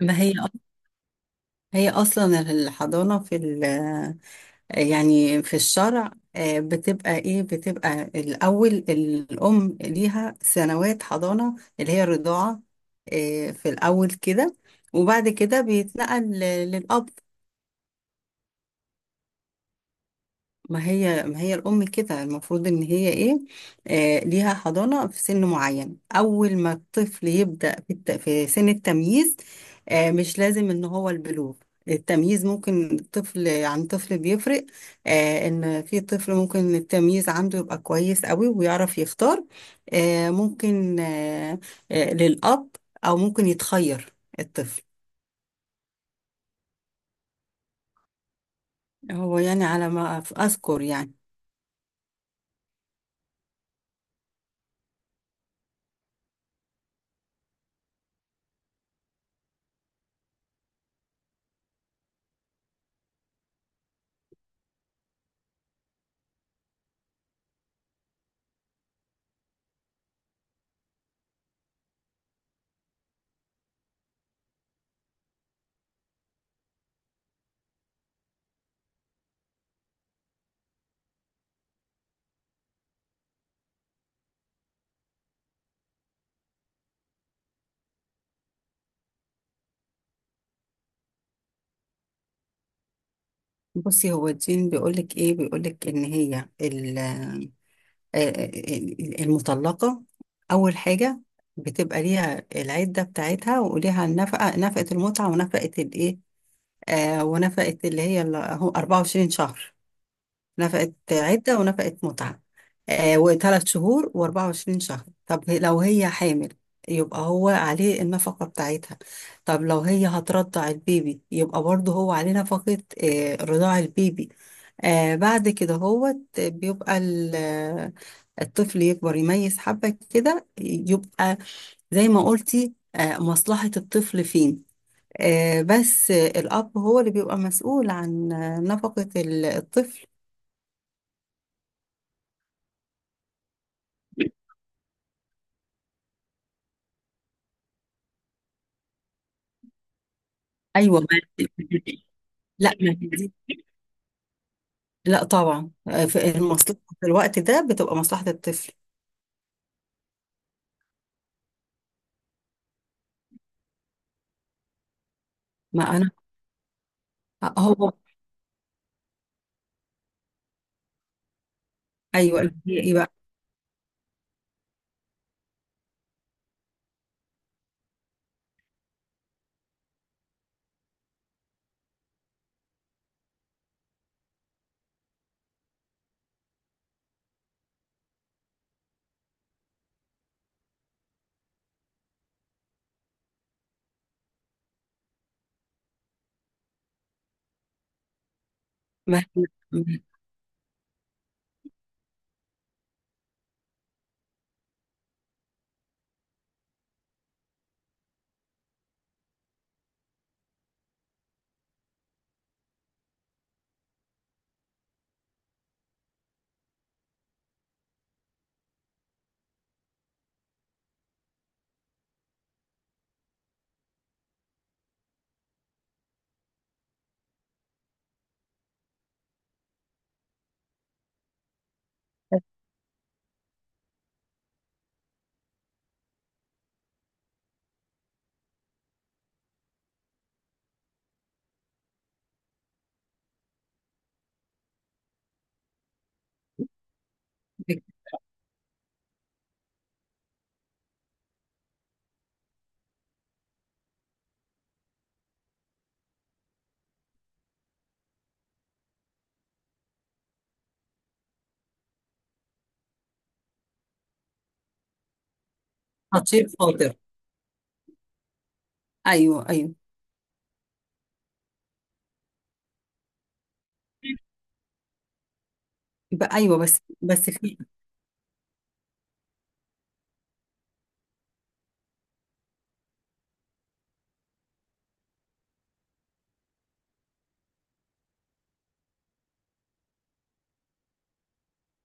ما هي اصلا الحضانه في ال يعني في الشرع، بتبقى ايه، بتبقى الاول الام ليها سنوات حضانه اللي هي الرضاعه، في الاول كده، وبعد كده بيتنقل للاب. ما هي الأم كده المفروض إن هي إيه. ليها حضانة في سن معين، أول ما الطفل يبدأ في سن التمييز. مش لازم إن هو البلوغ، التمييز ممكن طفل عن طفل بيفرق. إن في طفل ممكن التمييز عنده يبقى كويس قوي ويعرف يختار، ممكن، للأب، أو ممكن يتخير الطفل. هو يعني على ما أذكر يعني. بصي، هو الدين بيقولك ايه، بيقولك ان هي آه، المطلقة، اول حاجة بتبقى ليها العدة بتاعتها وليها النفقة، نفقة المتعة ونفقة الايه، ونفقة اللي هي هو 24 شهر، نفقت عدة ونفقت متعة، وثلاث شهور وأربعة وعشرين شهر. طب لو هي حامل يبقى هو عليه النفقة بتاعتها. طب لو هي هترضع البيبي يبقى برضه هو عليه نفقة رضاع البيبي. بعد كده هو بيبقى الطفل يكبر يميز حبة كده، يبقى زي ما قلتي، مصلحة الطفل فين. بس الأب هو اللي بيبقى مسؤول عن نفقة الطفل. ايوه، ما لا، ما دي لا طبعا، في المصلحه في الوقت ده بتبقى مصلحه الطفل. ما انا هو. ايوه، ايه بقى؟ ما ما- خطير خاطر. ايوه ايوه. بقى ايوه، بس في.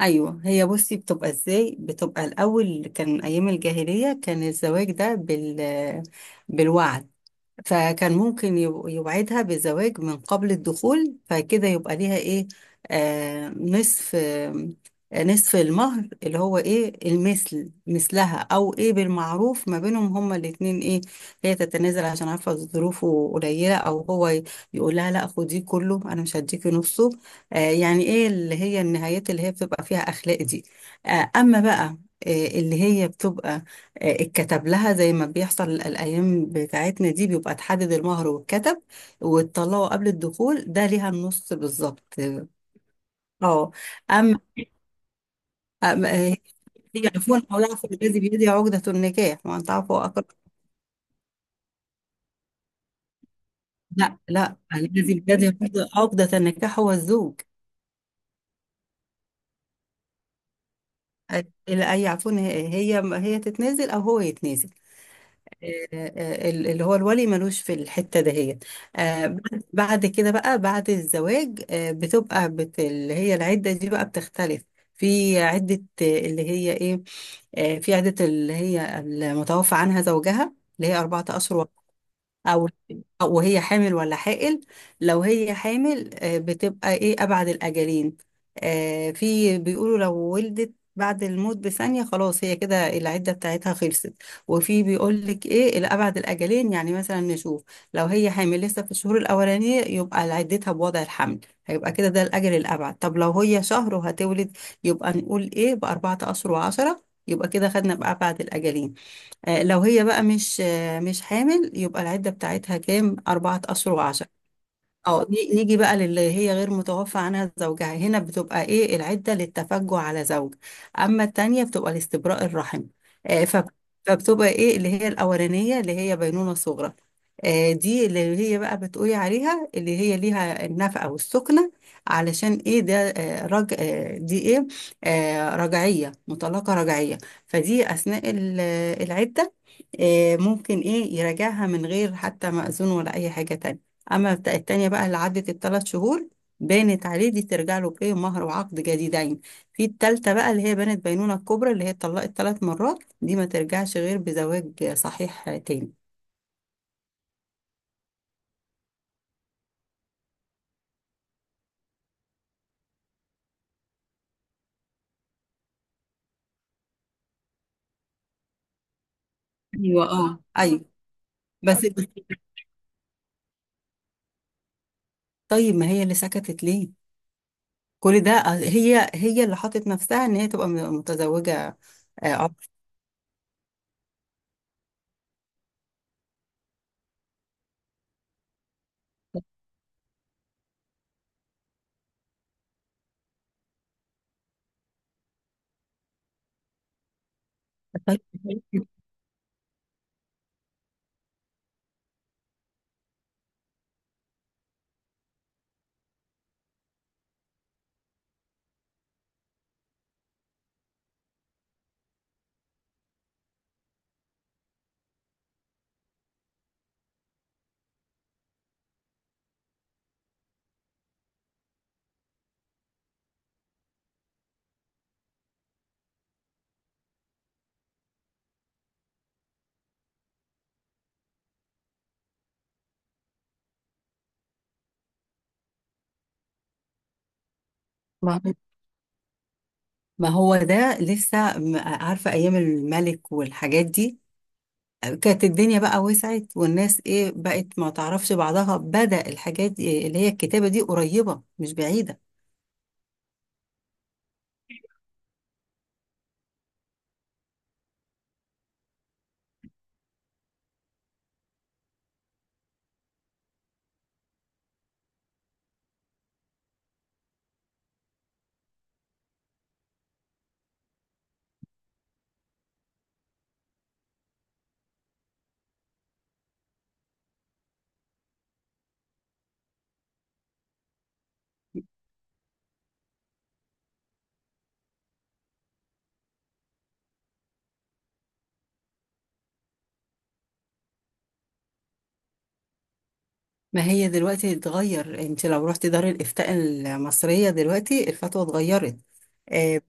ايوه، هي بصي بتبقى ازاي، بتبقى الاول كان ايام الجاهليه كان الزواج ده بالوعد، فكان ممكن يوعدها بزواج من قبل الدخول فكده يبقى ليها ايه، نصف، نصف المهر اللي هو ايه، المثل مثلها او ايه بالمعروف ما بينهم هما الاتنين. ايه، هي تتنازل عشان عارفة ظروفه قليلة، او هو يقول لها لا خديه كله انا مش هديكي نصه، يعني ايه اللي هي النهايات اللي هي بتبقى فيها اخلاق دي. اما بقى اللي هي بتبقى اتكتب لها زي ما بيحصل الأيام بتاعتنا دي، بيبقى تحدد المهر واتكتب وتطلعه قبل الدخول، ده ليها النص بالظبط. اه. أما أما- آه، يعرفون أولها في الذي بيدي عقدة النكاح، وأن تعرفوا أقرب. لا لا، الذي بيدي عقدة النكاح هو الزوج. لا، يعرفون، هي تتنازل أو هو يتنازل. آه، اللي هو الولي ملوش في الحتة دهيت. بعد كده بقى بعد الزواج، بتبقى اللي هي العدة دي بقى بتختلف. في عدة اللي هي ايه، آه، في عدة اللي هي المتوفى عنها زوجها، اللي هي 4 أشهر. او أو وهي حامل ولا حائل. لو هي حامل، بتبقى ايه، ابعد الاجلين. في بيقولوا لو ولدت بعد الموت بثانية خلاص هي كده العدة بتاعتها خلصت، وفي بيقول لك ايه، الابعد الاجلين. يعني مثلا نشوف، لو هي حامل لسه في الشهور الاولانية يبقى عدتها بوضع الحمل، هيبقى كده ده الاجل الابعد. طب لو هي شهر وهتولد يبقى نقول ايه، بـ4 اشهر و10، يبقى كده خدنا بأبعد الأجلين. لو هي بقى مش حامل، يبقى العدة بتاعتها كام، 4 أشهر و10. اه، نيجي بقى للي هي غير متوفى عنها زوجها، هنا بتبقى ايه العدة، للتفجع على زوج، اما التانية بتبقى لاستبراء الرحم. آه فب- فبتبقى ايه اللي هي الاولانية، اللي هي بينونة صغرى، دي اللي هي بقى بتقولي عليها، اللي هي ليها النفقة والسكنة، علشان ايه ده، آه رج آه دي ايه، رجعية، مطلقة رجعية. فدي اثناء العدة ممكن ايه يراجعها من غير حتى مأذون ولا اي حاجة تانية. أما بتاع التانية بقى، اللي عدت الثلاث شهور، بانت عليه، دي ترجع له بإيه، مهر وعقد جديدين. في التالتة بقى اللي هي بانت بينونة الكبرى، اللي هي اتطلقت 3 مرات، دي ما ترجعش غير بزواج صحيح تاني. أيوة بس. طيب، ما هي اللي سكتت ليه كل ده، هي اللي حطت نفسها إن هي تبقى متزوجة، عقد. ما ما هو ده لسه عارفة، أيام الملك والحاجات دي كانت الدنيا بقى وسعت والناس ايه بقت ما تعرفش بعضها، بدأ الحاجات اللي هي الكتابة دي قريبة مش بعيدة. ما هي دلوقتي اتغير. انت لو رحت دار الإفتاء المصرية دلوقتي الفتوى اتغيرت. آه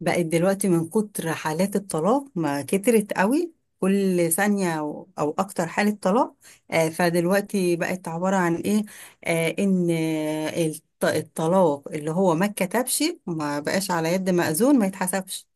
بقت دلوقتي، من كتر حالات الطلاق، ما كترت قوي، كل ثانية أو أكتر حالة طلاق، فدلوقتي بقت عبارة عن إيه، إن الطلاق اللي هو ما اتكتبش ما بقاش على يد مأذون ما يتحسبش.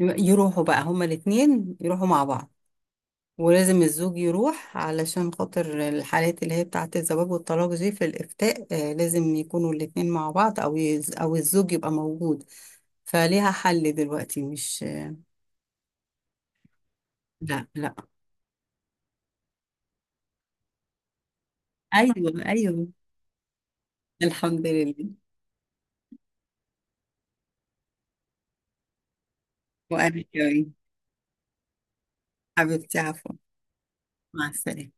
يروحوا بقى هما الاتنين يروحوا مع بعض، ولازم الزوج يروح علشان خاطر الحالات اللي هي بتاعة الزواج والطلاق دي في الإفتاء لازم يكونوا الاتنين مع بعض، أو يز أو الزوج يبقى موجود. فليها حل دلوقتي، مش. لا لا. أيوه أيوه. الحمد لله. وأنا كمان. حبيبتي، عفوا. مع السلامة.